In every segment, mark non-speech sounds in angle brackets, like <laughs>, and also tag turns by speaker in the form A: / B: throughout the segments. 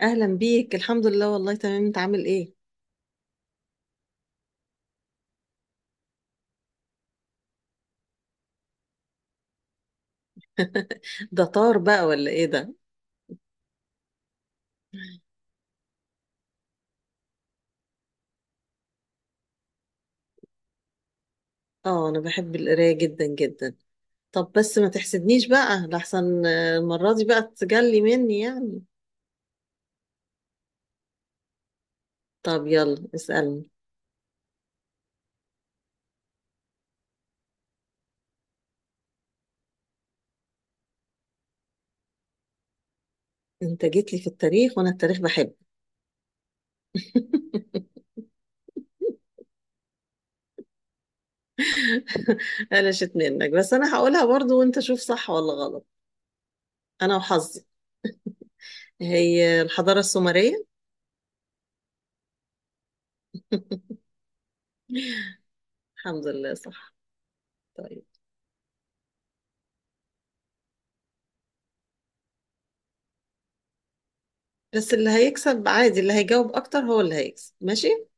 A: اهلا بيك، الحمد لله والله تمام، انت عامل ايه؟ ده طار بقى ولا ايه ده؟ اه انا بحب القرايه جدا جدا. طب بس ما تحسدنيش بقى لحسن، المره دي بقى تجلي مني يعني. طب يلا اسالني. انت جيت لي في التاريخ وانا التاريخ بحب. <laughs> قلشت منك بس انا هقولها برضو، وانت شوف صح ولا غلط. انا وحظي. هي الحضاره السومريه. <laughs> الحمد لله صح. طيب، بس اللي هيكسب عادي اللي هيجاوب اكتر هو اللي هيكسب، ماشي؟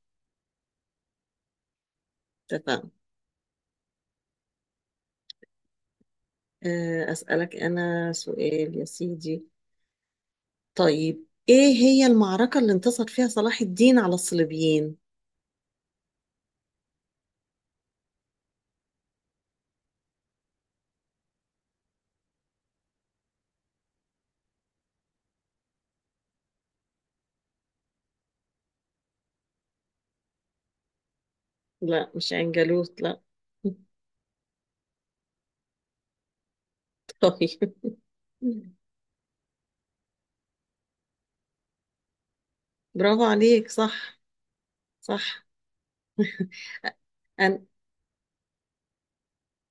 A: اتفقنا. أسألك أنا سؤال يا سيدي. طيب إيه هي المعركة اللي انتصر فيها صلاح الدين على الصليبيين؟ لا مش عنجالوت، لا. <laughs> طيب، برافو عليك، صح. صح. <laughs> أنا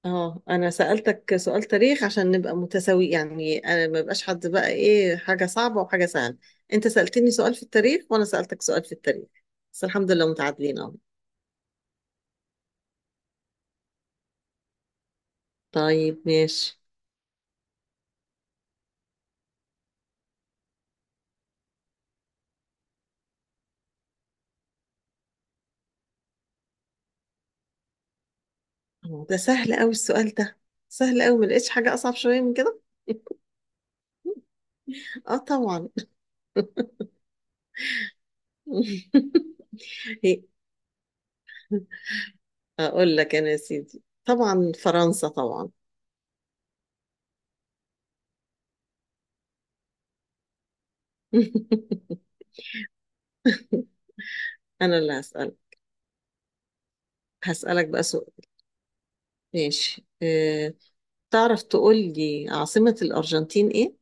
A: اه أنا سألتك سؤال تاريخ عشان نبقى متساوي يعني، أنا ما بقاش حد بقى إيه حاجة صعبة وحاجة سهلة. أنت سألتني سؤال في التاريخ وأنا سألتك سؤال في التاريخ. بس الحمد لله متعادلين أهو. طيب ماشي. ده سهل قوي السؤال ده. سهل قوي، ما لقيتش حاجة أصعب شوية من كده. اه طبعا. <laughs> هي- أقول لك أنا يا سيدي، طبعا فرنسا طبعا. <laughs> أنا اللي هسألك. هسألك بقى سؤال. ماشي أه. تعرف تقول لي عاصمة الأرجنتين إيه؟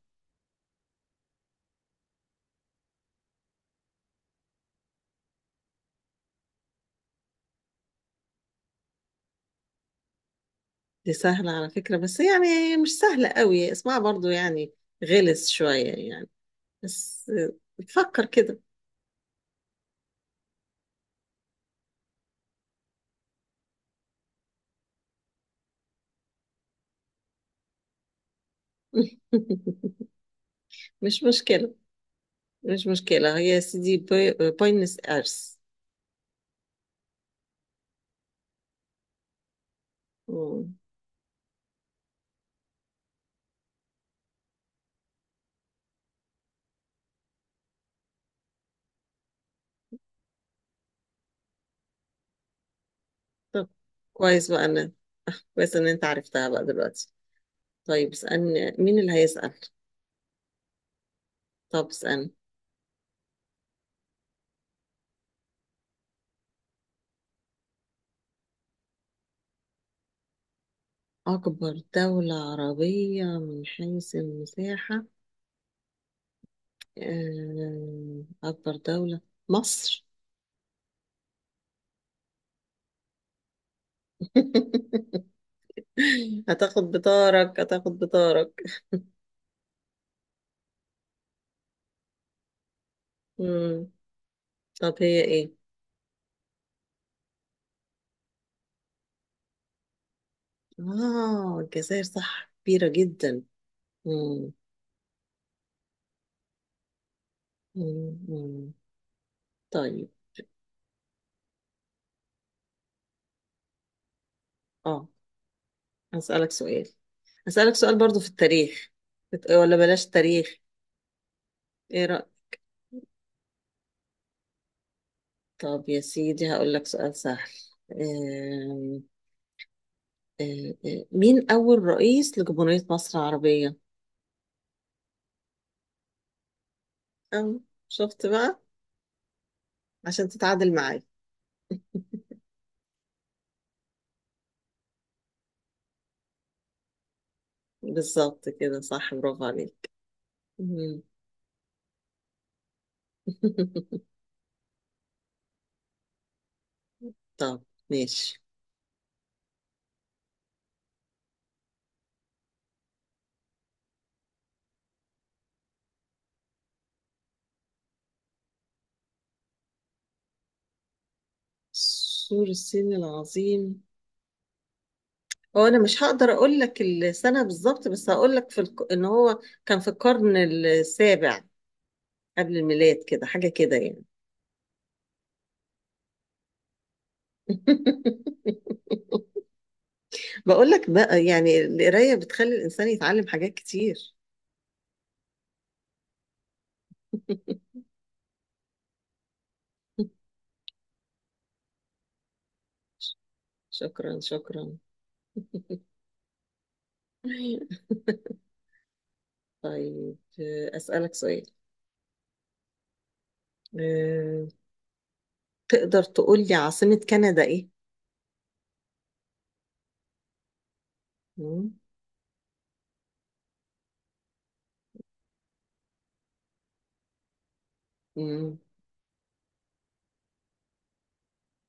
A: دي سهلة على فكرة، بس يعني هي مش سهلة قوي اسمها برضو يعني، غلس شوية يعني. بس فكر كده. <laughs> مش مشكلة، مش مشكلة. هي سيدي بوينس ايرس. مم. طب، كويس بقى انا كويس ان انت عرفتها بقى دلوقتي. طيب اسألني، مين اللي هيسأل؟ طب اسألني. أكبر دولة عربية من حيث المساحة، أكبر دولة، مصر. <laughs> هتاخد بطارك، هتاخد بطارك. مم. طب هي ايه؟ اه الجزائر، صح، كبيرة جدا. مم. مم. مم. طيب، اه هسألك سؤال. هسألك سؤال برضو في التاريخ. ولا بلاش تاريخ، ايه رأيك؟ طب يا سيدي هقول لك سؤال سهل. آم، آم، آم، مين أول رئيس لجمهورية مصر العربية؟ أم، شفت بقى؟ عشان تتعادل معايا. بالظبط كده، صح، برافو عليك. مم. <laughs> طب ماشي. سور الصين العظيم، هو انا مش هقدر اقول لك السنه بالظبط، بس هقول لك ان هو كان في القرن السابع قبل الميلاد، كده حاجة كده يعني. <laughs> بقول لك بقى يعني القراية بتخلي الإنسان يتعلم حاجات كتير. <laughs> شكرا شكرا. <laughs> طيب أسألك سؤال. آه، تقدر تقول لي عاصمة كندا إيه؟ مم، مم،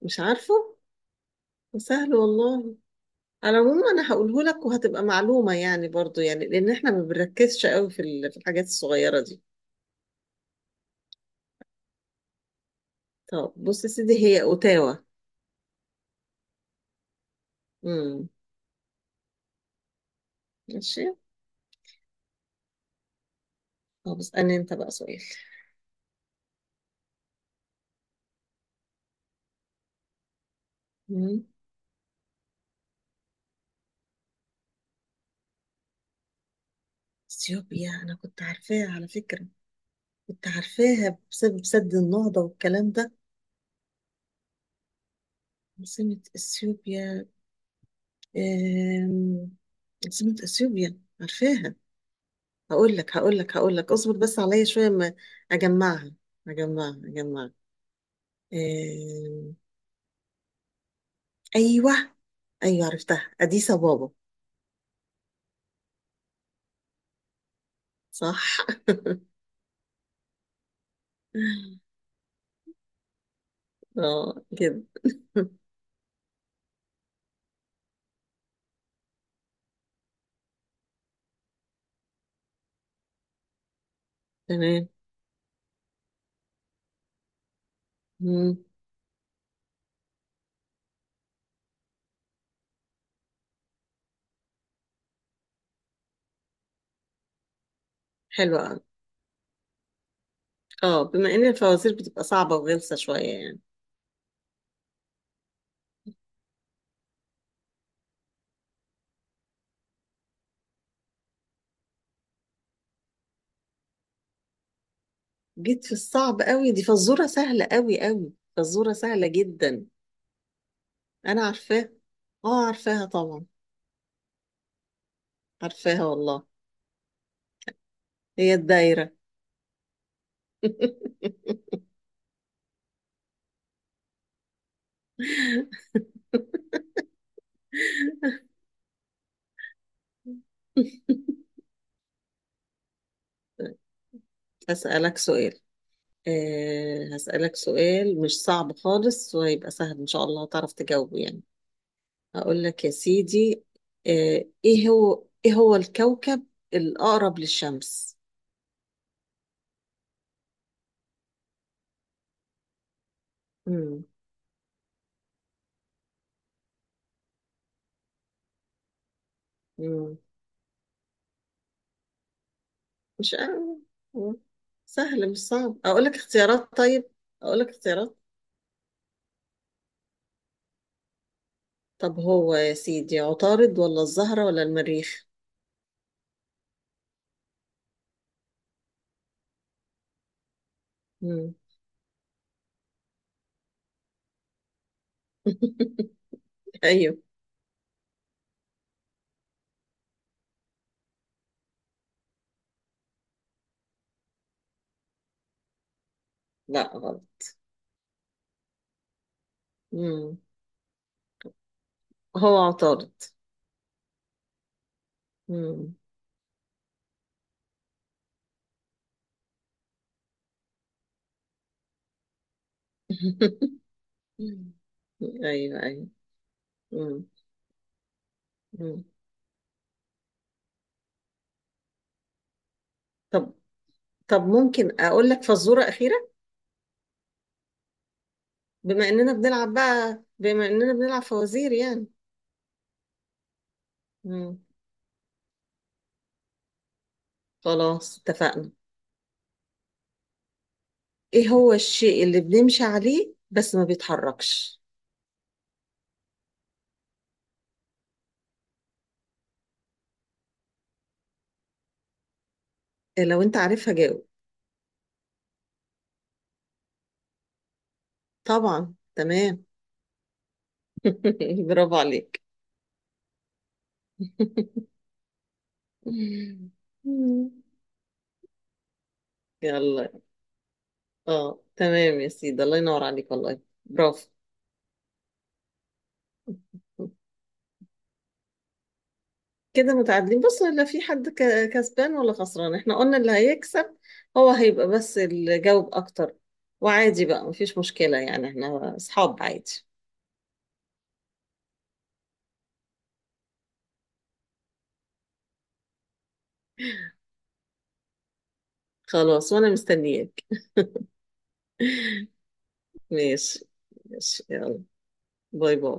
A: مش عارفة. سهل والله. على العموم أنا هقوله لك وهتبقى معلومة يعني برضو يعني، لأن إحنا ما بنركزش قوي في الحاجات الصغيرة دي. طب بص يا سيدي، هي أوتاوا. مم، ماشي. طب اسألني انت بقى سؤال. مم. اثيوبيا انا كنت عارفاها على فكرة، كنت عارفاها بسبب سد النهضة والكلام ده. عاصمة اثيوبيا، آم، عاصمة اثيوبيا عارفاها. هقول لك هقول لك هقول لك، اصبر بس عليا شوية ما اجمعها، اجمعها اجمعها. آم، ايوه، ايوه عرفتها، اديس بابا. صح. <laughs> اه كده. تمام. مم. حلوة أوي. اه بما ان الفوازير بتبقى صعبة وغلسة شوية يعني. جيت في الصعب قوي، دي فزورة سهلة قوي قوي، فزورة سهلة جدا. انا عارفاها، اه عارفاها طبعا، عارفاها والله. هي الدايرة. <laughs> هسألك سؤال. أه هسألك سؤال مش صعب خالص، وهيبقى سهل إن شاء الله هتعرف تجاوبه يعني. هقول لك يا سيدي، إيه هو الكوكب الأقرب للشمس؟ مم. مم. مش قوي سهل، مش صعب. اقول لك اختيارات؟ طيب اقول لك اختيارات. طب هو يا سيدي عطارد ولا الزهرة ولا المريخ؟ مم. <laughs> ايوه. لا غلط. مم. هو عطارد. مم. <laughs> ايوه ايوه. مم. مم. طب، طب ممكن اقول لك فزورة أخيرة؟ بما اننا بنلعب فوازير يعني. مم. خلاص اتفقنا. ايه هو الشيء اللي بنمشي عليه بس ما بيتحركش؟ لو انت عارفها جاوب. طبعا تمام. <laughs> برافو عليك. <laughs> يلا، اه تمام يا سيدي، الله ينور عليك والله، برافو. كده متعادلين، بص لا في حد كسبان ولا خسران، احنا قلنا اللي هيكسب هو هيبقى بس اللي جاوب اكتر، وعادي بقى مفيش مشكلة يعني، احنا اصحاب عادي. خلاص وانا مستنياك. <laughs> ماشي، ماشي يلا. باي باي.